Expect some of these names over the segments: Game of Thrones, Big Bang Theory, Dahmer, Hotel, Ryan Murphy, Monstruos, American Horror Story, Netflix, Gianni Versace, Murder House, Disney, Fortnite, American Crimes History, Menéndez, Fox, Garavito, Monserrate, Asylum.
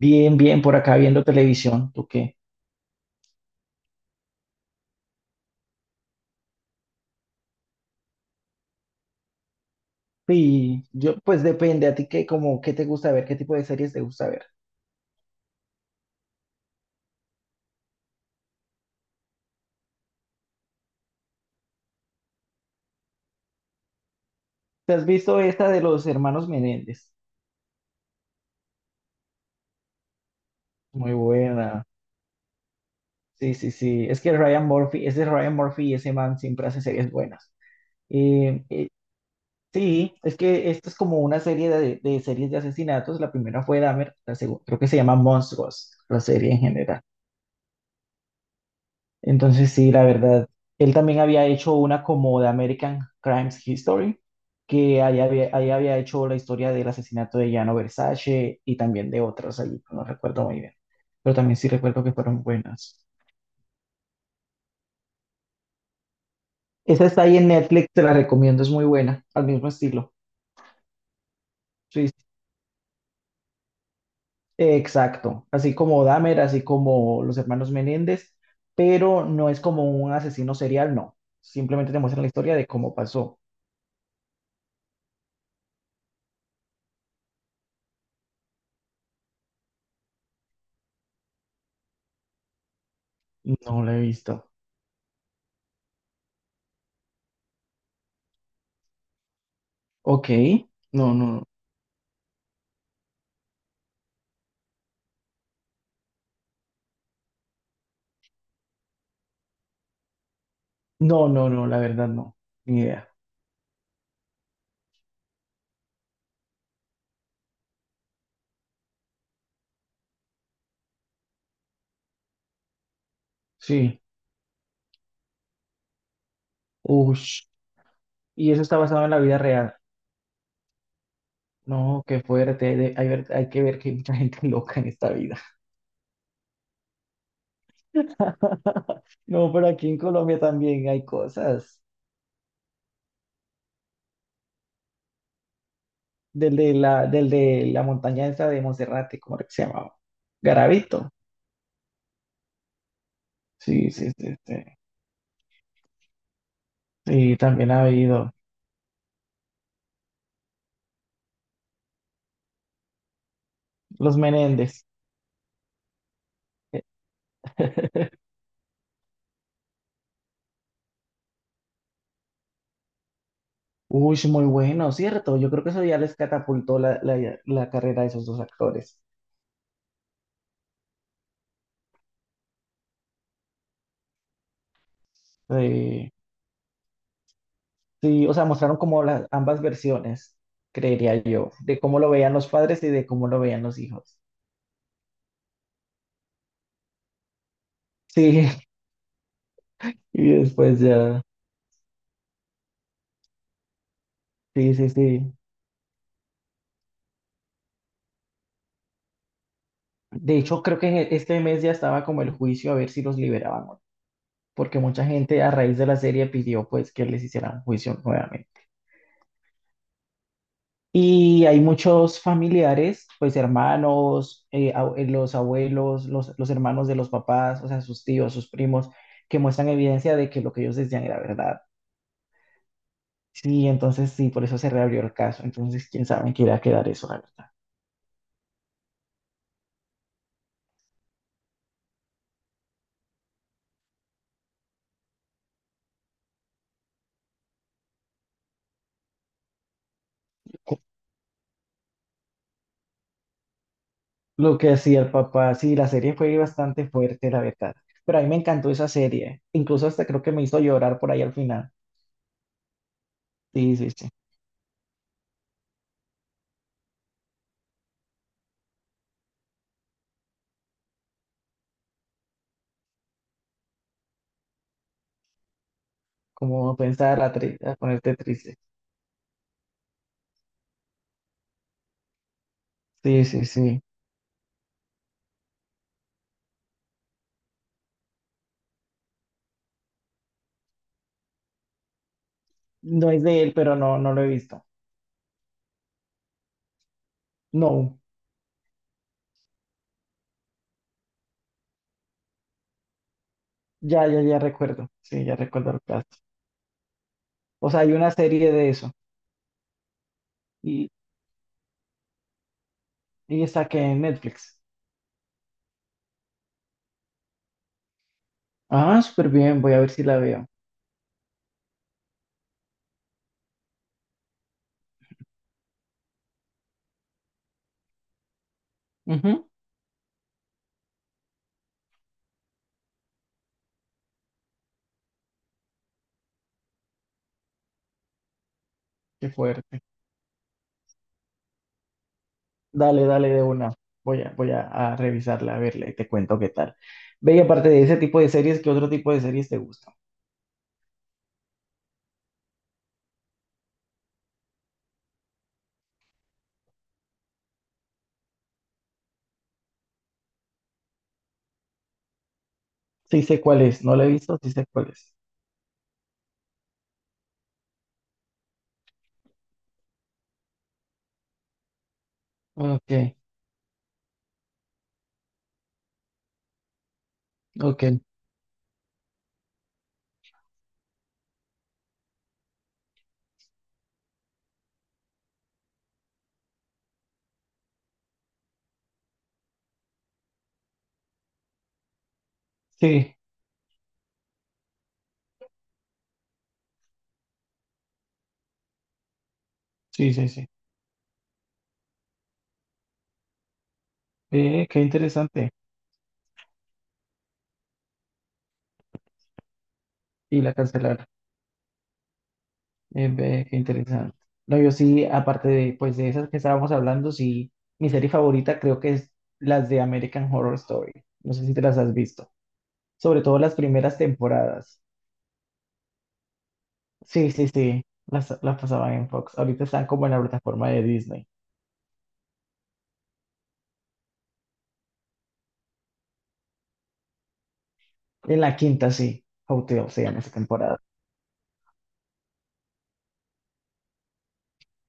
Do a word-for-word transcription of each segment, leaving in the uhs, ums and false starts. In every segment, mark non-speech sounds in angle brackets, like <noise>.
Bien, bien, por acá viendo televisión, ¿tú qué? Y yo, pues depende, a ti qué, como, qué te gusta ver, qué tipo de series te gusta ver. ¿Te has visto esta de los hermanos Menéndez? Muy buena. Sí, sí, sí. Es que Ryan Murphy, ese Ryan Murphy y ese man siempre hace series buenas. Eh, eh, sí, es que esto es como una serie de, de series de asesinatos. La primera fue Dahmer, la segunda, creo que se llama Monstruos, la serie en general. Entonces, sí, la verdad, él también había hecho una como de American Crimes History, que ahí había, ahí había hecho la historia del asesinato de Gianni Versace y también de otros allí, no recuerdo muy bien, pero también sí recuerdo que fueron buenas. Esa está ahí en Netflix, te la recomiendo, es muy buena, al mismo estilo. Sí, exacto, así como Dahmer, así como los hermanos Menéndez, pero no es como un asesino serial, no. Simplemente te muestran la historia de cómo pasó. No la he visto. Ok, no, no. No, no, no, la verdad no. Ni idea. Sí. Ush. Y eso está basado en la vida real. No, qué fuerte. de- hay, ver- hay que ver que hay mucha gente <laughs> loca en esta vida. <laughs> No, pero aquí en Colombia también hay cosas. Del de la, del de la montaña esa de Monserrate, ¿cómo era que se llamaba? Garavito. Sí, sí, sí, sí. Sí, también ha habido. Los Menéndez. Eh, Uy, muy bueno, ¿cierto? Yo creo que eso ya les catapultó la, la- la carrera de esos dos actores. Sí. Sí, o sea, mostraron como las ambas versiones, creería yo, de cómo lo veían los padres y de cómo lo veían los hijos. Sí, <laughs> y después ya. Sí, sí, sí. De hecho, creo que este mes ya estaba como el juicio a ver si los liberaban, o no, porque mucha gente a raíz de la serie pidió pues que les hicieran un juicio nuevamente. Y hay muchos familiares, pues hermanos, eh, a- eh, los abuelos, los, los hermanos de los papás, o sea, sus tíos, sus primos, que muestran evidencia de que lo que ellos decían era verdad. Sí, entonces sí, por eso se reabrió el caso. Entonces, quién sabe en qué irá a quedar eso, la verdad. Lo que hacía el papá, sí, la serie fue bastante fuerte, la verdad. Pero a mí me encantó esa serie. Incluso hasta creo que me hizo llorar por ahí al final. Sí, sí, sí. Como pensar a, tri- a ponerte triste. Sí, sí, sí. No es de él, pero no, no lo he visto. No, ya, ya, ya recuerdo. Sí, ya recuerdo el caso. O sea, hay una serie de eso. Y, y está que en Netflix. Ah, súper bien. Voy a ver si la veo. Ujú. Qué fuerte. Dale, dale de una. Voy a, voy a, a revisarla, a verla y te cuento qué tal. Ve, y aparte de ese tipo de series, ¿qué otro tipo de series te gusta? Sí sé cuál es, no la he visto, sí sé cuál es. Ok, ok. Sí, sí, sí, sí. Ve, qué interesante. Y la cancelaron. Eh, ve, qué interesante. No, yo sí, aparte de, pues, de esas que estábamos hablando, sí, mi serie favorita creo que es las de American Horror Story. No sé si te las has visto. Sobre todo las primeras temporadas. Sí, sí, sí, las, las pasaban en Fox. Ahorita están como en la plataforma de Disney. En la quinta, sí, Hotel se llama esa temporada.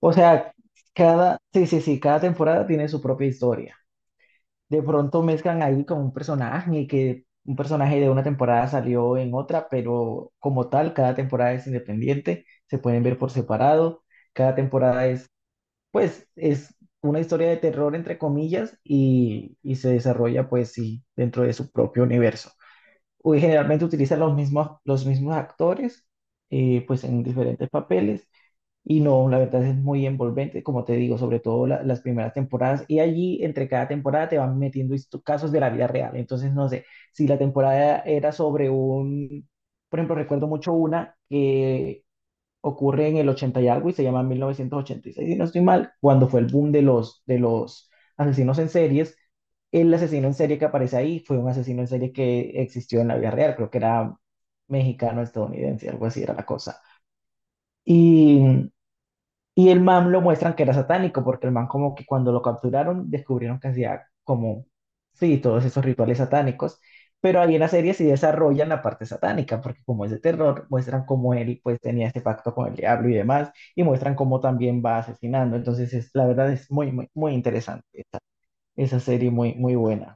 O sea, cada, sí, sí, sí, cada temporada tiene su propia historia. De pronto mezclan ahí con un personaje y que un personaje de una temporada salió en otra, pero como tal, cada temporada es independiente, se pueden ver por separado. Cada temporada es, pues, es una historia de terror, entre comillas, y, y se desarrolla, pues, sí, dentro de su propio universo. Uy, generalmente utilizan los mismos, los mismos actores, eh, pues en diferentes papeles, y no, la verdad es muy envolvente, como te digo, sobre todo la- las primeras temporadas, y allí entre cada temporada te van metiendo histo- casos de la vida real, entonces no sé, si la temporada era sobre un, por ejemplo, recuerdo mucho una que ocurre en el ochenta y algo y se llama mil novecientos ochenta y seis, si no estoy mal, cuando fue el boom de los, de los asesinos en series. El asesino en serie que aparece ahí fue un asesino en serie que existió en la vida real, creo que era mexicano, estadounidense, algo así era la cosa. Y y el man lo muestran que era satánico, porque el man como que cuando lo capturaron descubrieron que hacía como, sí, todos esos rituales satánicos, pero ahí en la serie sí desarrollan la parte satánica, porque como es de terror, muestran cómo él pues tenía este pacto con el diablo y demás, y muestran cómo también va asesinando, entonces es, la verdad es muy, muy, muy interesante esa, esa serie, muy, muy buena.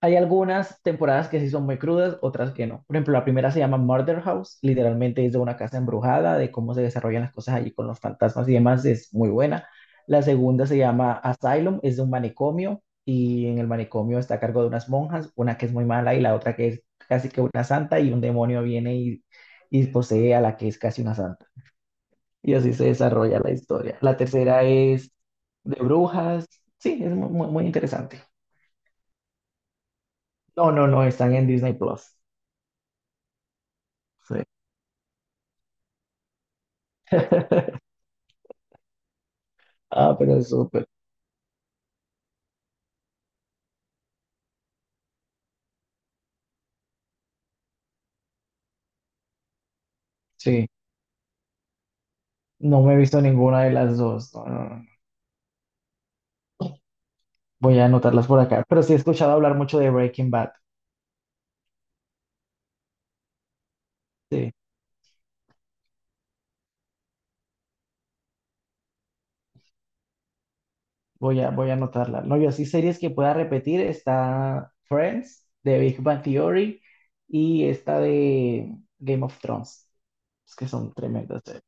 Hay algunas temporadas que sí son muy crudas, otras que no. Por ejemplo, la primera se llama Murder House, literalmente es de una casa embrujada, de cómo se desarrollan las cosas allí con los fantasmas y demás, es muy buena. La segunda se llama Asylum, es de un manicomio y en el manicomio está a cargo de unas monjas, una que es muy mala y la otra que es casi que una santa y un demonio viene y, y posee a la que es casi una santa. Y así se desarrolla la historia. La tercera es de brujas, sí, es muy, muy muy interesante. No, no, no, están en Disney Plus. Sí. <laughs> Ah, pero es súper. Sí, no me he visto ninguna de las dos. No, no, no. Voy a anotarlas por acá. Pero sí he escuchado hablar mucho de Breaking Bad. Sí, voy a, voy a anotarla. No, yo así series que pueda repetir está Friends, de Big Bang Theory y esta de Game of Thrones. Es que son tremendas series.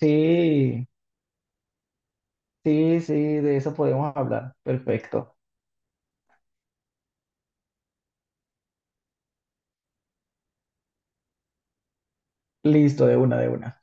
Sí, sí, sí, de eso podemos hablar. Perfecto. Listo, de una, de una.